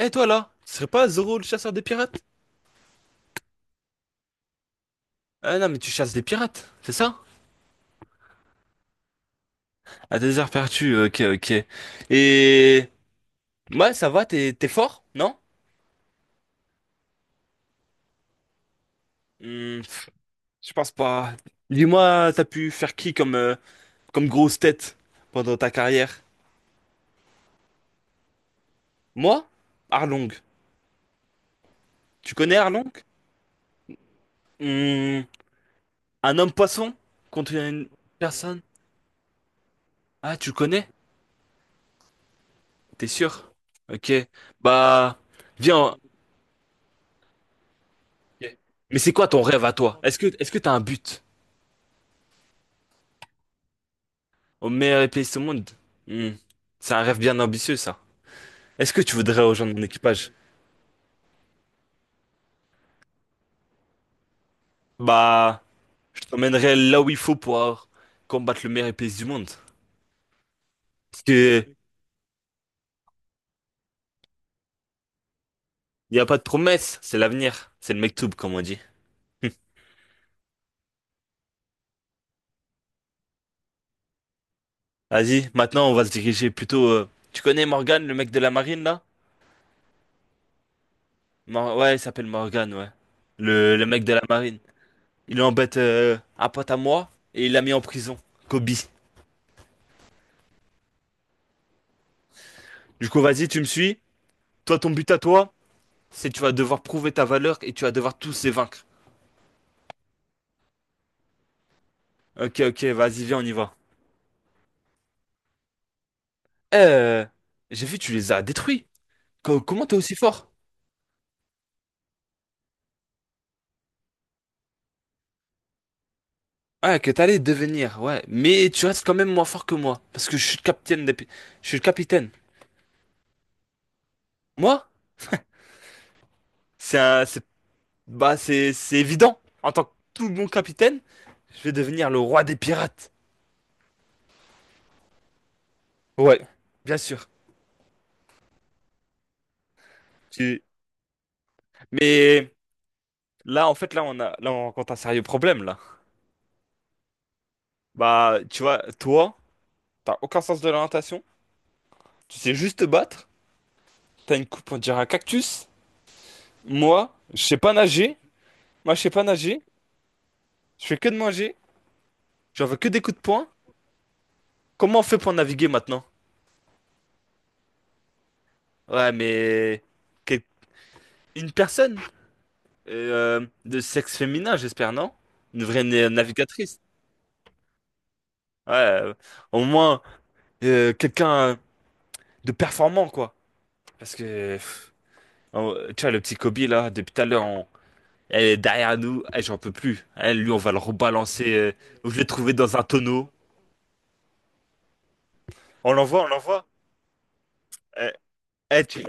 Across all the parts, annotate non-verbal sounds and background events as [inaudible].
Eh toi là, tu serais pas Zoro le chasseur des pirates? Ah non mais tu chasses des pirates, c'est ça? À des heures perdues, ok ok. Et ouais ça va, t'es fort, non? Hmm, pff, je pense pas. Dis-moi, t'as pu faire qui comme comme grosse tête pendant ta carrière? Moi? Arlong. Tu connais Arlong? Hmm, un homme poisson contre une personne? Ah tu le connais? T'es sûr? Ok. Bah viens. Ok. Mais c'est quoi ton rêve à toi? Est-ce que t'as un but? Au meilleur épéiste au monde? Hmm. C'est un rêve bien ambitieux, ça. Est-ce que tu voudrais rejoindre mon équipage? Bah, je t'emmènerai là où il faut pour combattre le meilleur épéiste du monde. Parce que il n'y a pas de promesse, c'est l'avenir. C'est le mektoub, comme on dit. Hmm. Vas-y, maintenant on va se diriger plutôt. Tu connais Morgan, le mec de la marine là? Ouais, il s'appelle Morgan, ouais. Le mec de la marine. Il embête un pote à moi et il l'a mis en prison. Kobe. Du coup, vas-y, tu me suis. Toi, ton but à toi, c'est tu vas devoir prouver ta valeur et tu vas devoir tous les vaincre. Ok, ok, vas-y, viens, on y va. Euh, j'ai vu, tu les as détruits. Comment t'es aussi fort? Ah, que t'allais devenir, ouais. Mais tu restes quand même moins fort que moi. Parce que je suis le capitaine des... Je suis le capitaine. Moi? C'est un... c'est- Bah, c'est... C'est évident. En tant que tout bon capitaine, je vais devenir le roi des pirates. Ouais, bien sûr. Tu- Mais là, en fait, là, on a... Là, on rencontre un sérieux problème, là. Bah, tu vois, toi, t'as aucun sens de l'orientation. Tu sais juste te battre. T'as une coupe, on dirait un cactus. Moi, je sais pas nager. Moi, je sais pas nager. Je fais que de manger. J'en veux que des coups de poing. Comment on fait pour naviguer maintenant? Ouais, mais... quel- Une personne de sexe féminin, j'espère, non? Une vraie navigatrice. Ouais, au moins quelqu'un de performant, quoi. Parce que... Tu vois, le petit Kobe, là, depuis tout à l'heure, elle est derrière nous. Eh, j'en peux plus. Eh, lui, on va le rebalancer. Je vais le trouver dans un tonneau. On l'envoie, on l'envoie. Eh, eh, tu...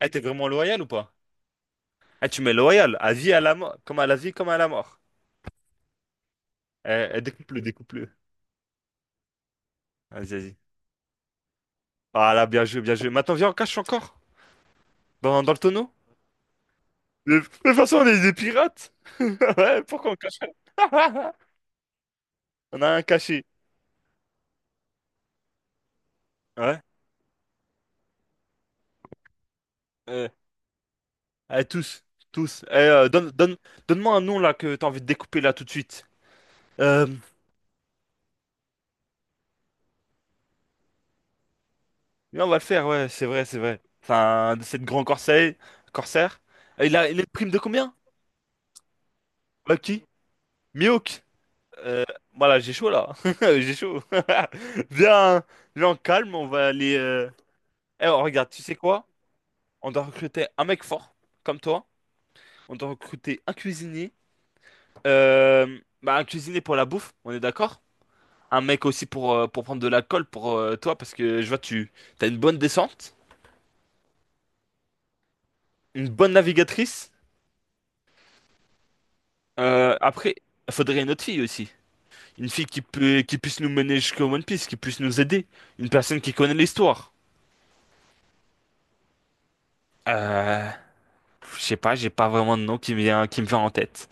eh, t'es vraiment loyal ou pas? Eh, tu mets loyal, à vie, à la mort, comme à la vie, comme à la mort. Eh, eh, découpe-le, découpe-le. Vas-y, vas-y. Ah là, bien joué, bien joué. Maintenant, viens, on cache encore dans le tonneau. De toute façon, on est des pirates. [laughs] Ouais, pourquoi on cache? [laughs] On a un caché. Ouais. Eh, eh, tous, tous. Eh, donne-moi un nom là que t'as envie de découper là tout de suite. Euh, Viens, on va le faire, ouais, c'est vrai, c'est vrai. Enfin, de cette grand corsaire. Eh, il a une prime de combien? Bah, qui? Miouk! Euh, voilà, j'ai chaud là. [laughs] J'ai chaud. [laughs] Viens, viens en calme, on va aller. Eh, oh, regarde, tu sais quoi? On doit recruter un mec fort, comme toi. On doit recruter un cuisinier. Bah, un cuisinier pour la bouffe, on est d'accord? Un mec aussi pour prendre de la colle pour toi, parce que je vois, tu as une bonne descente, une bonne navigatrice. Après, il faudrait une autre fille aussi. Une fille qui peut, qui puisse nous mener jusqu'au One Piece, qui puisse nous aider. Une personne qui connaît l'histoire. Euh, je sais pas, j'ai pas vraiment de nom qui me vient en tête.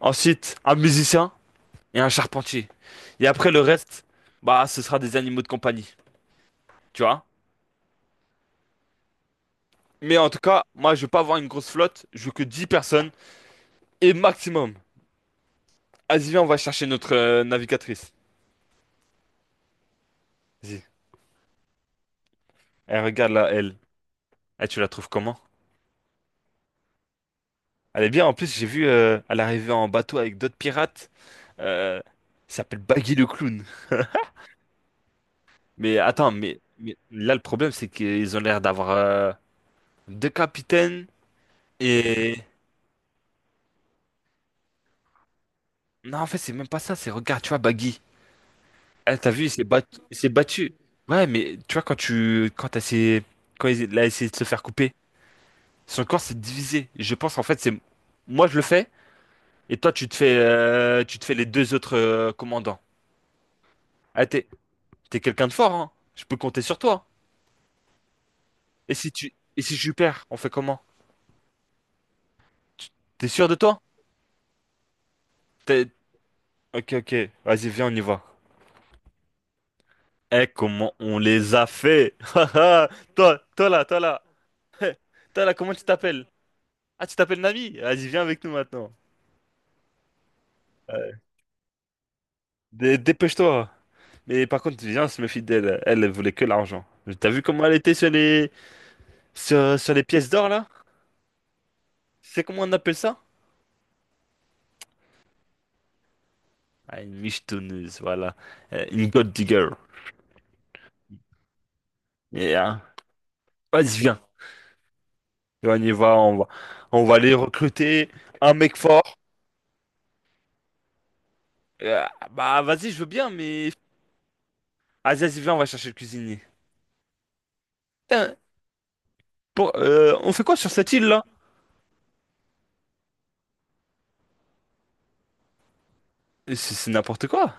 Ensuite, un musicien et un charpentier. Et après le reste, bah ce sera des animaux de compagnie, tu vois. Mais en tout cas, moi je veux pas avoir une grosse flotte, je veux que 10 personnes et maximum. Vas-y, viens, on va chercher notre navigatrice. Vas-y. Elle regarde là, elle. Eh, tu la trouves comment? Elle est bien, en plus j'ai vu, elle arrivait en bateau avec d'autres pirates. Euh, il s'appelle Baggy le clown. Mais attends, mais là le problème c'est qu'ils ont l'air d'avoir deux capitaines et... Non, en fait, c'est même pas ça. C'est, regarde, tu vois, Baggy. Eh, t'as vu, il s'est battu. Il s'est battu. Ouais, mais tu vois, quand tu... Quand t'as essayé... Quand il a essayé de se faire couper, son corps s'est divisé. Je pense, en fait, c'est... Moi, je le fais. Et toi, tu te fais les deux autres commandants. Ah, t'es quelqu'un de fort, hein. Je peux compter sur toi. Et si je perds, on fait comment? Tu- T'es sûr de toi? T'es- Ok, ok. Vas-y, viens, on y va. Eh, comment on les a fait! [laughs] Toi, toi là, toi là. [laughs] Toi là, comment tu t'appelles? Ah, tu t'appelles Nami? Vas-y, viens avec nous maintenant. Euh, dépêche-toi. Mais par contre, viens, se méfie d'elle. Elle, elle voulait que l'argent. T'as vu comment elle était sur les pièces d'or là? C'est comment on appelle ça? Ah, une michetonneuse, voilà. Une gold digger. Et, hein, vas-y, viens. Et on y va, on va aller recruter un mec fort. Euh, Bah, vas-y, je veux bien, mais. Vas-y, vas-y, viens, on va chercher le cuisinier. Putain, on fait quoi sur cette île là? C'est n'importe quoi.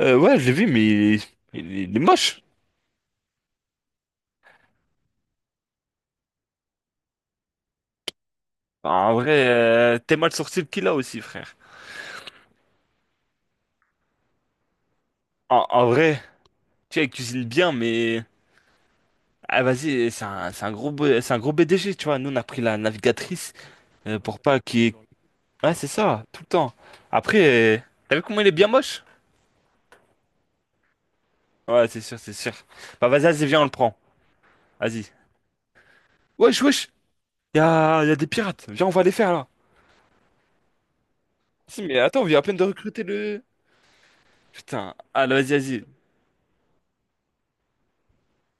Ouais, je l'ai vu, mais il est moche. En vrai, t'es mal sorti le qu'il a aussi, frère. En vrai, tu vois, il cuisine bien, mais... Ah, vas-y, c'est un gros BDG tu vois. Nous, on a pris la navigatrice. Pour pas qu'il... y ait- Ouais, c'est ça, tout le temps. Après, t'as vu comment il est bien moche? Ouais, c'est sûr, c'est sûr. Bah, vas-y, vas-y, viens, on le prend. Vas-y. Wesh, wesh, y a des pirates. Viens, on va les faire, là. Si, mais attends, on vient à peine de recruter le... Putain, allez, vas-y,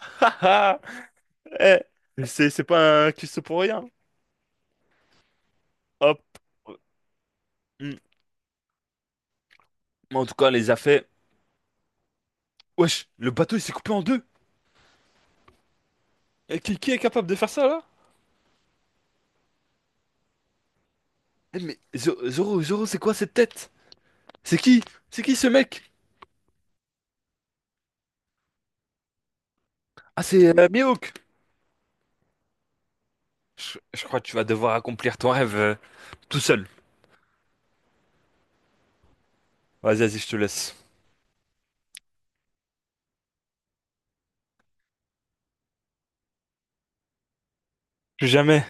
vas-y. [laughs] Eh, c'est pas un cuistot pour rien. Hop. Hmm. Mais en tout cas, on les a fait. Wesh, le bateau il s'est coupé en deux. Eh, qui est capable de faire ça là? Eh, mais Zoro, Zoro, c'est quoi cette tête? C'est qui? C'est qui ce mec? Ah, c'est Mihawk. Je crois que tu vas devoir accomplir ton rêve tout seul. Vas-y, vas-y, je te laisse. Plus jamais.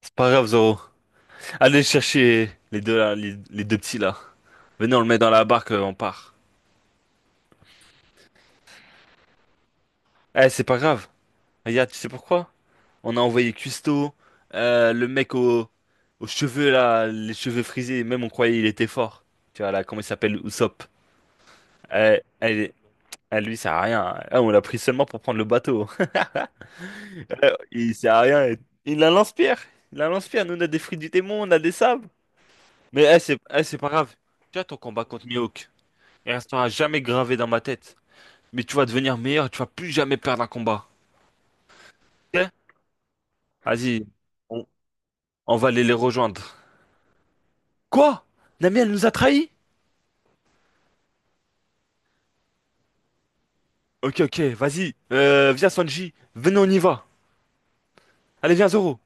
C'est pas grave, Zoro. Allez chercher les deux là, les deux petits là. Venez, on le met dans la barque, on part. Eh, c'est pas grave. Regarde, tu sais pourquoi? On a envoyé Custo, le mec aux cheveux là, les cheveux frisés, même on croyait il était fort. Tu vois là, comment il s'appelle, Usopp. Euh, elle- elle, lui, sert à rien. Ah, on l'a pris seulement pour prendre le bateau. [laughs] Il sert à rien. Il a un lance-pierre. Il a un lance-pierre. Nous, on a des fruits du démon, on a des sables. Mais c'est pas grave. Tu vois, ton combat contre Mihawk, il restera jamais gravé dans ma tête. Mais tu vas devenir meilleur, tu vas plus jamais perdre un combat. Ok. Vas-y, on, on va aller les rejoindre. Quoi? Nami, elle nous a trahis? Ok, ok, vas-y. Viens Sanji. Venez, on y va. Allez, viens Zoro.